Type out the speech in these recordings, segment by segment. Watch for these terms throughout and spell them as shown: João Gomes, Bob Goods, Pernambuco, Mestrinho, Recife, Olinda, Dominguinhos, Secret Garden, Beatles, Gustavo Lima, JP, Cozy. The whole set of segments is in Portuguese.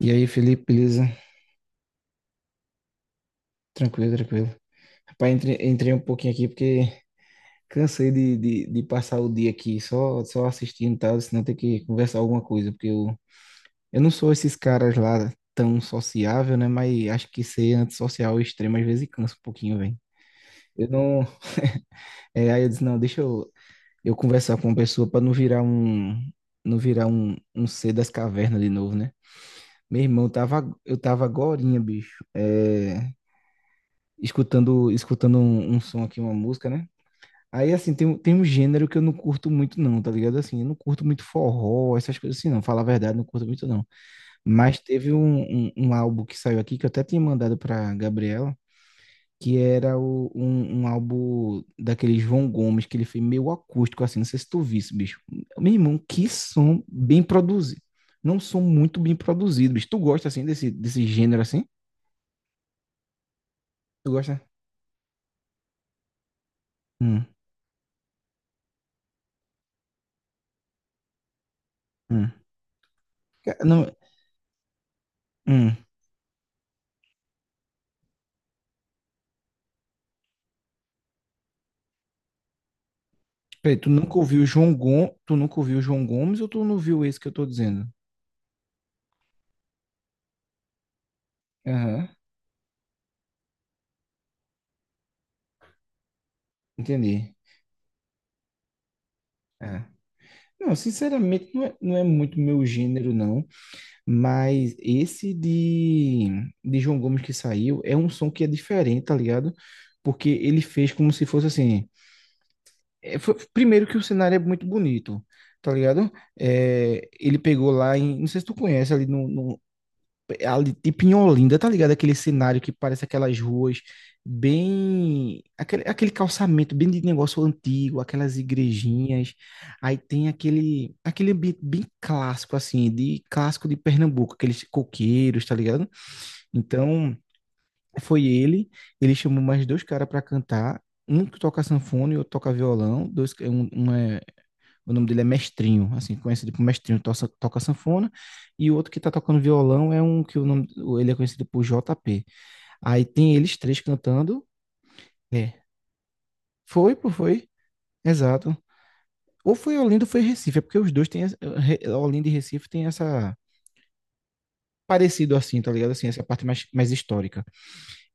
E aí, Felipe, beleza? Tranquilo, tranquilo. Rapaz, entrei um pouquinho aqui porque cansei de passar o dia aqui só assistindo e tal, senão ter que conversar alguma coisa, porque eu não sou esses caras lá tão sociável, né? Mas acho que ser antissocial extremo às vezes cansa um pouquinho, velho. Eu não. Aí eu disse, não, deixa eu conversar com uma pessoa pra não virar um. Não virar um ser das cavernas de novo, né? Meu irmão, eu tava agorinha, bicho. Escutando um som aqui, uma música, né? Aí, assim, tem um gênero que eu não curto muito, não, tá ligado? Assim, eu não curto muito forró, essas coisas assim, não. Falar a verdade, não curto muito, não. Mas teve um álbum que saiu aqui, que eu até tinha mandado pra Gabriela, que era um álbum daquele João Gomes, que ele fez meio acústico, assim. Não sei se tu visse, bicho. Meu irmão, que som bem produzido. Não um som muito bem produzido, bicho. Tu gosta, assim, desse gênero, assim? Tu gosta? Hum, hum. Não, hum. Peraí, tu nunca ouviu João Gomes, tu nunca ouviu João Gomes ou tu não viu esse que eu tô dizendo? Aham, entendi. É. Não, sinceramente, não é muito meu gênero, não. Mas esse de João Gomes que saiu é um som que é diferente, tá ligado? Porque ele fez como se fosse assim. Primeiro que o cenário é muito bonito, tá ligado? Ele pegou lá em. Não sei se tu conhece ali no, é ali, tipo em Olinda, tá ligado? Aquele cenário que parece aquelas ruas bem. Aquele calçamento bem de negócio antigo, aquelas igrejinhas. Aí tem aquele ambiente bem clássico, assim, de clássico de Pernambuco, aqueles coqueiros, tá ligado? Então, foi ele, ele chamou mais dois caras pra cantar. Um que toca sanfona e outro toca violão, dois. O nome dele é Mestrinho, assim, conhecido por Mestrinho, toca sanfona. E o outro que tá tocando violão é um que o nome, ele é conhecido por JP. Aí tem eles três cantando. É. Foi, pô, foi. Exato. Ou foi Olinda ou foi Recife, é porque os dois têm. Olinda e Recife tem essa. Parecido assim, tá ligado? Assim, essa parte mais histórica.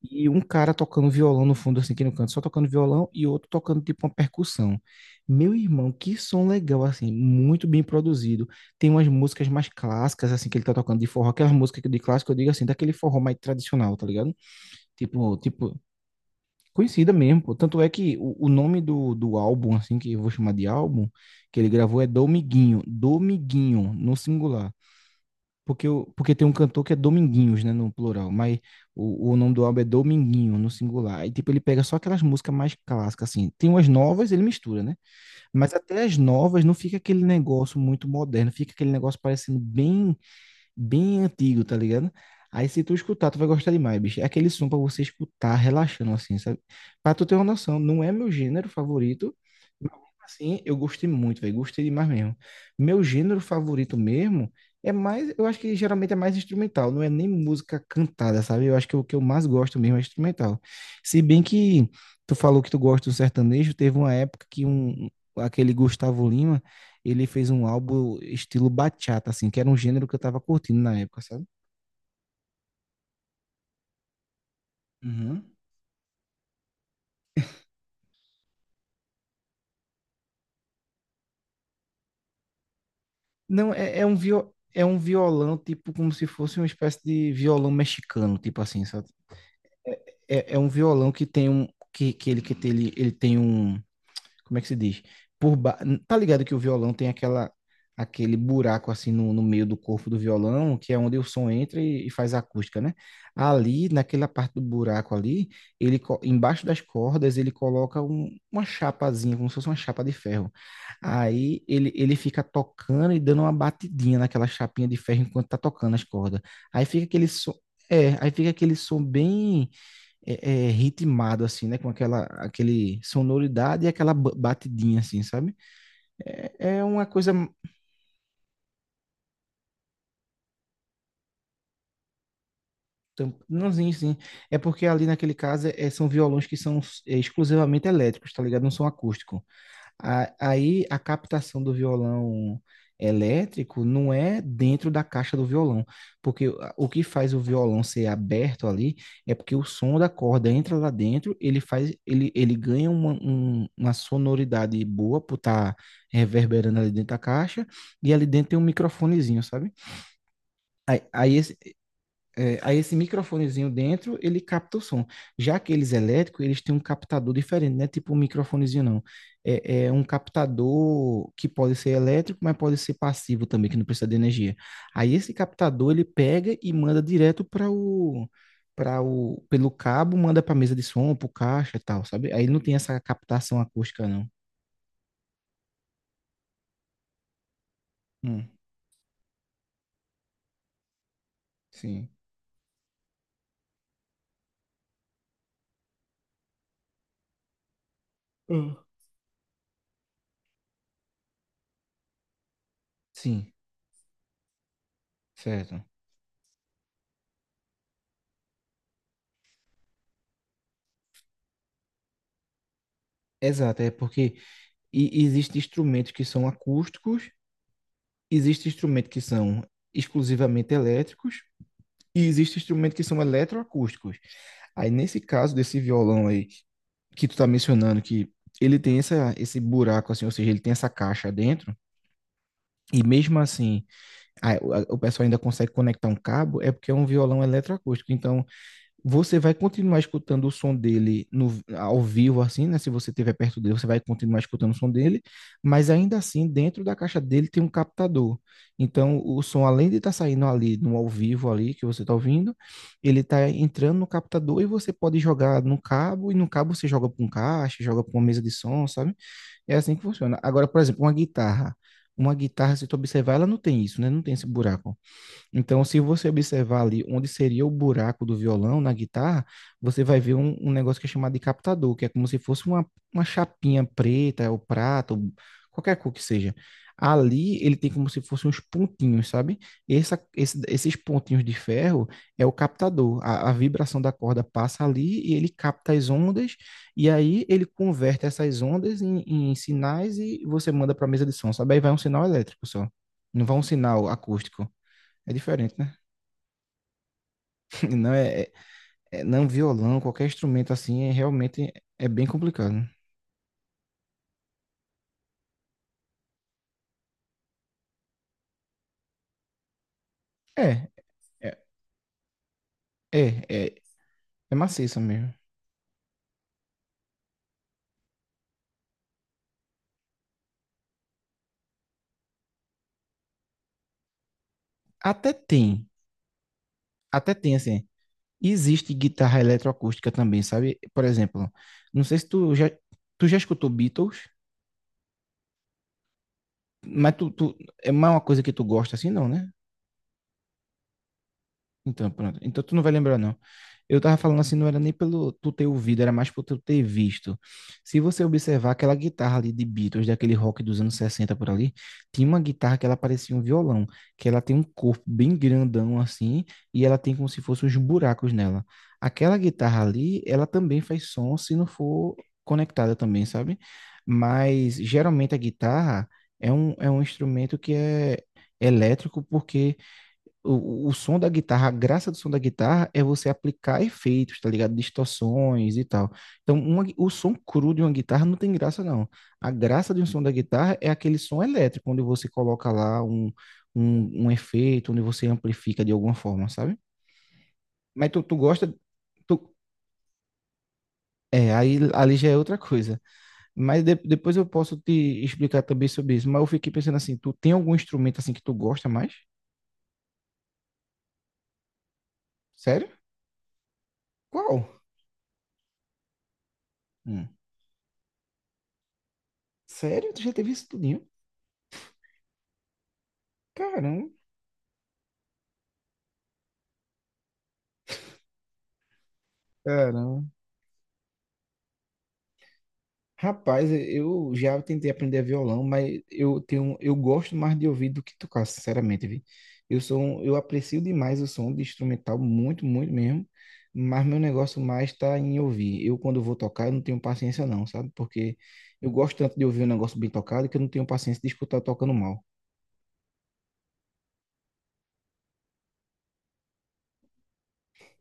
E um cara tocando violão no fundo, assim, aqui no canto, só tocando violão, e outro tocando tipo uma percussão. Meu irmão, que som legal, assim, muito bem produzido. Tem umas músicas mais clássicas, assim, que ele tá tocando de forró, aquelas músicas que de clássico, eu digo assim, daquele forró mais tradicional, tá ligado? Tipo, tipo, conhecida mesmo, pô. Tanto é que o nome do álbum, assim, que eu vou chamar de álbum, que ele gravou é Domiguinho, Domiguinho, no singular. Porque tem um cantor que é Dominguinhos, né, no plural, mas o nome do álbum é Dominguinho, no singular. E, tipo, ele pega só aquelas músicas mais clássicas, assim. Tem umas novas, ele mistura, né? Mas até as novas não fica aquele negócio muito moderno, fica aquele negócio parecendo bem antigo, tá ligado? Aí se tu escutar, tu vai gostar demais, bicho. É aquele som pra você escutar relaxando, assim, sabe? Pra tu ter uma noção, não é meu gênero favorito, mas mesmo assim, eu gostei muito, velho. Gostei demais mesmo. Meu gênero favorito mesmo é mais, eu acho que geralmente é mais instrumental, não é nem música cantada, sabe? Eu acho que o que eu mais gosto mesmo é instrumental. Se bem que tu falou que tu gosta do sertanejo, teve uma época que um, aquele Gustavo Lima ele fez um álbum estilo bachata, assim, que era um gênero que eu tava curtindo na época, sabe? Uhum. Não, é um violão, tipo, como se fosse uma espécie de violão mexicano, tipo assim, sabe? É um violão que tem um... que ele tem um... como é que se diz? Por ba... Tá ligado que o violão tem aquela aquele buraco assim no, no meio do corpo do violão, que é onde o som entra e faz a acústica, né? Ali, naquela parte do buraco ali, embaixo das cordas, ele coloca uma chapazinha, como se fosse uma chapa de ferro. Aí ele fica tocando e dando uma batidinha naquela chapinha de ferro enquanto tá tocando as cordas. Aí fica aquele som, aí fica aquele som bem ritmado, assim, né? Com aquela aquele sonoridade e aquela batidinha, assim, sabe? É, é uma coisa. Não, É porque ali naquele caso são violões que são exclusivamente elétricos, tá ligado? Não são acústicos. Aí a captação do violão elétrico não é dentro da caixa do violão, porque o que faz o violão ser aberto ali é porque o som da corda entra lá dentro, ele ganha uma sonoridade boa por estar reverberando ali dentro da caixa, e ali dentro tem um microfonezinho, sabe? Aí, aí esse, Aí esse microfonezinho dentro, ele capta o som. Já aqueles elétricos, eles têm um captador diferente, não é tipo um microfonezinho, não. É um captador que pode ser elétrico, mas pode ser passivo também, que não precisa de energia. Aí esse captador, ele pega e manda direto pelo cabo, manda para a mesa de som, para o caixa e tal, sabe? Aí não tem essa captação acústica, não. Hum, sim, Hum. sim, certo. Exato, é porque existem instrumentos que são acústicos. Existem instrumentos que são exclusivamente elétricos e existem instrumentos que são eletroacústicos. Aí, nesse caso desse violão aí, que tu tá mencionando, que ele tem esse buraco, assim, ou seja, ele tem essa caixa dentro, e mesmo assim, o pessoal ainda consegue conectar um cabo, é porque é um violão eletroacústico. Então, você vai continuar escutando o som dele no, ao vivo, assim, né? Se você estiver perto dele, você vai continuar escutando o som dele, mas ainda assim, dentro da caixa dele tem um captador. Então, o som, além de estar saindo ali no ao vivo ali que você está ouvindo, ele está entrando no captador e você pode jogar no cabo, e no cabo você joga para um caixa, joga para uma mesa de som, sabe? É assim que funciona. Agora, por exemplo, uma guitarra. Uma guitarra, se tu observar, ela não tem isso, né? Não tem esse buraco. Então, se você observar ali onde seria o buraco do violão na guitarra, você vai ver um negócio que é chamado de captador, que é como se fosse uma chapinha preta, ou prata, ou qualquer cor que seja. Ali ele tem como se fossem uns pontinhos, sabe? Esses pontinhos de ferro é o captador. A vibração da corda passa ali e ele capta as ondas, e aí ele converte essas ondas em, em sinais e você manda para a mesa de som, sabe? Aí vai um sinal elétrico só. Não vai um sinal acústico. É diferente, né? Não é, é- não violão, qualquer instrumento assim, realmente é bem complicado. É, é, é, é, é maciça mesmo. Até tem, até tem assim. Existe guitarra eletroacústica também, sabe? Por exemplo, não sei se tu já, tu já escutou Beatles, mas tu é mais uma coisa que tu gosta assim, não, né? Então, pronto. Então tu não vai lembrar, não. Eu tava falando assim, não era nem pelo tu ter ouvido, era mais por tu ter visto. Se você observar aquela guitarra ali de Beatles, daquele rock dos anos 60 por ali, tinha uma guitarra que ela parecia um violão, que ela tem um corpo bem grandão assim, e ela tem como se fossem uns buracos nela. Aquela guitarra ali, ela também faz som se não for conectada também, sabe? Mas geralmente a guitarra é um instrumento que é elétrico porque o som da guitarra, a graça do som da guitarra é você aplicar efeitos, tá ligado? Distorções e tal. Então, o som cru de uma guitarra não tem graça, não. A graça de um som da guitarra é aquele som elétrico, onde você coloca lá um efeito, onde você amplifica de alguma forma, sabe? Mas tu, tu gosta. Tu- é, Aí ali já é outra coisa. Mas depois eu posso te explicar também sobre isso. Mas eu fiquei pensando assim, tu tem algum instrumento assim que tu gosta mais? Sério? Qual? Hum. Sério? Tu já teve isso tudo? Caramba, caramba. Rapaz, eu já tentei aprender violão, mas eu tenho, eu gosto mais de ouvir do que tocar, sinceramente, vi. Eu aprecio demais o som de instrumental, muito, muito mesmo, mas meu negócio mais está em ouvir. Eu, quando vou tocar, eu não tenho paciência não, sabe? Porque eu gosto tanto de ouvir um negócio bem tocado que eu não tenho paciência de escutar tocando mal.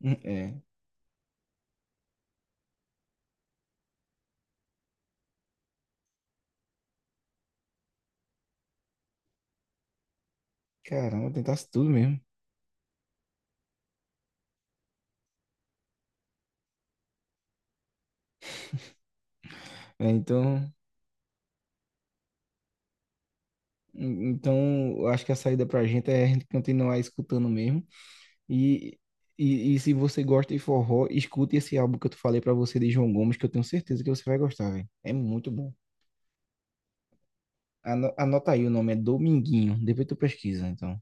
É, caramba, tentasse tudo mesmo. É, então, então, eu acho que a saída pra gente é a gente continuar escutando mesmo. E, e se você gosta de forró, escute esse álbum que eu falei pra você de João Gomes, que eu tenho certeza que você vai gostar, velho. É muito bom. Anota aí o nome, é Dominguinho. Depois tu pesquisa, então.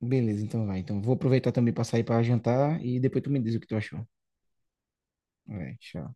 Beleza, então vai. Então vou aproveitar também pra sair pra jantar e depois tu me diz o que tu achou. Vai, tchau.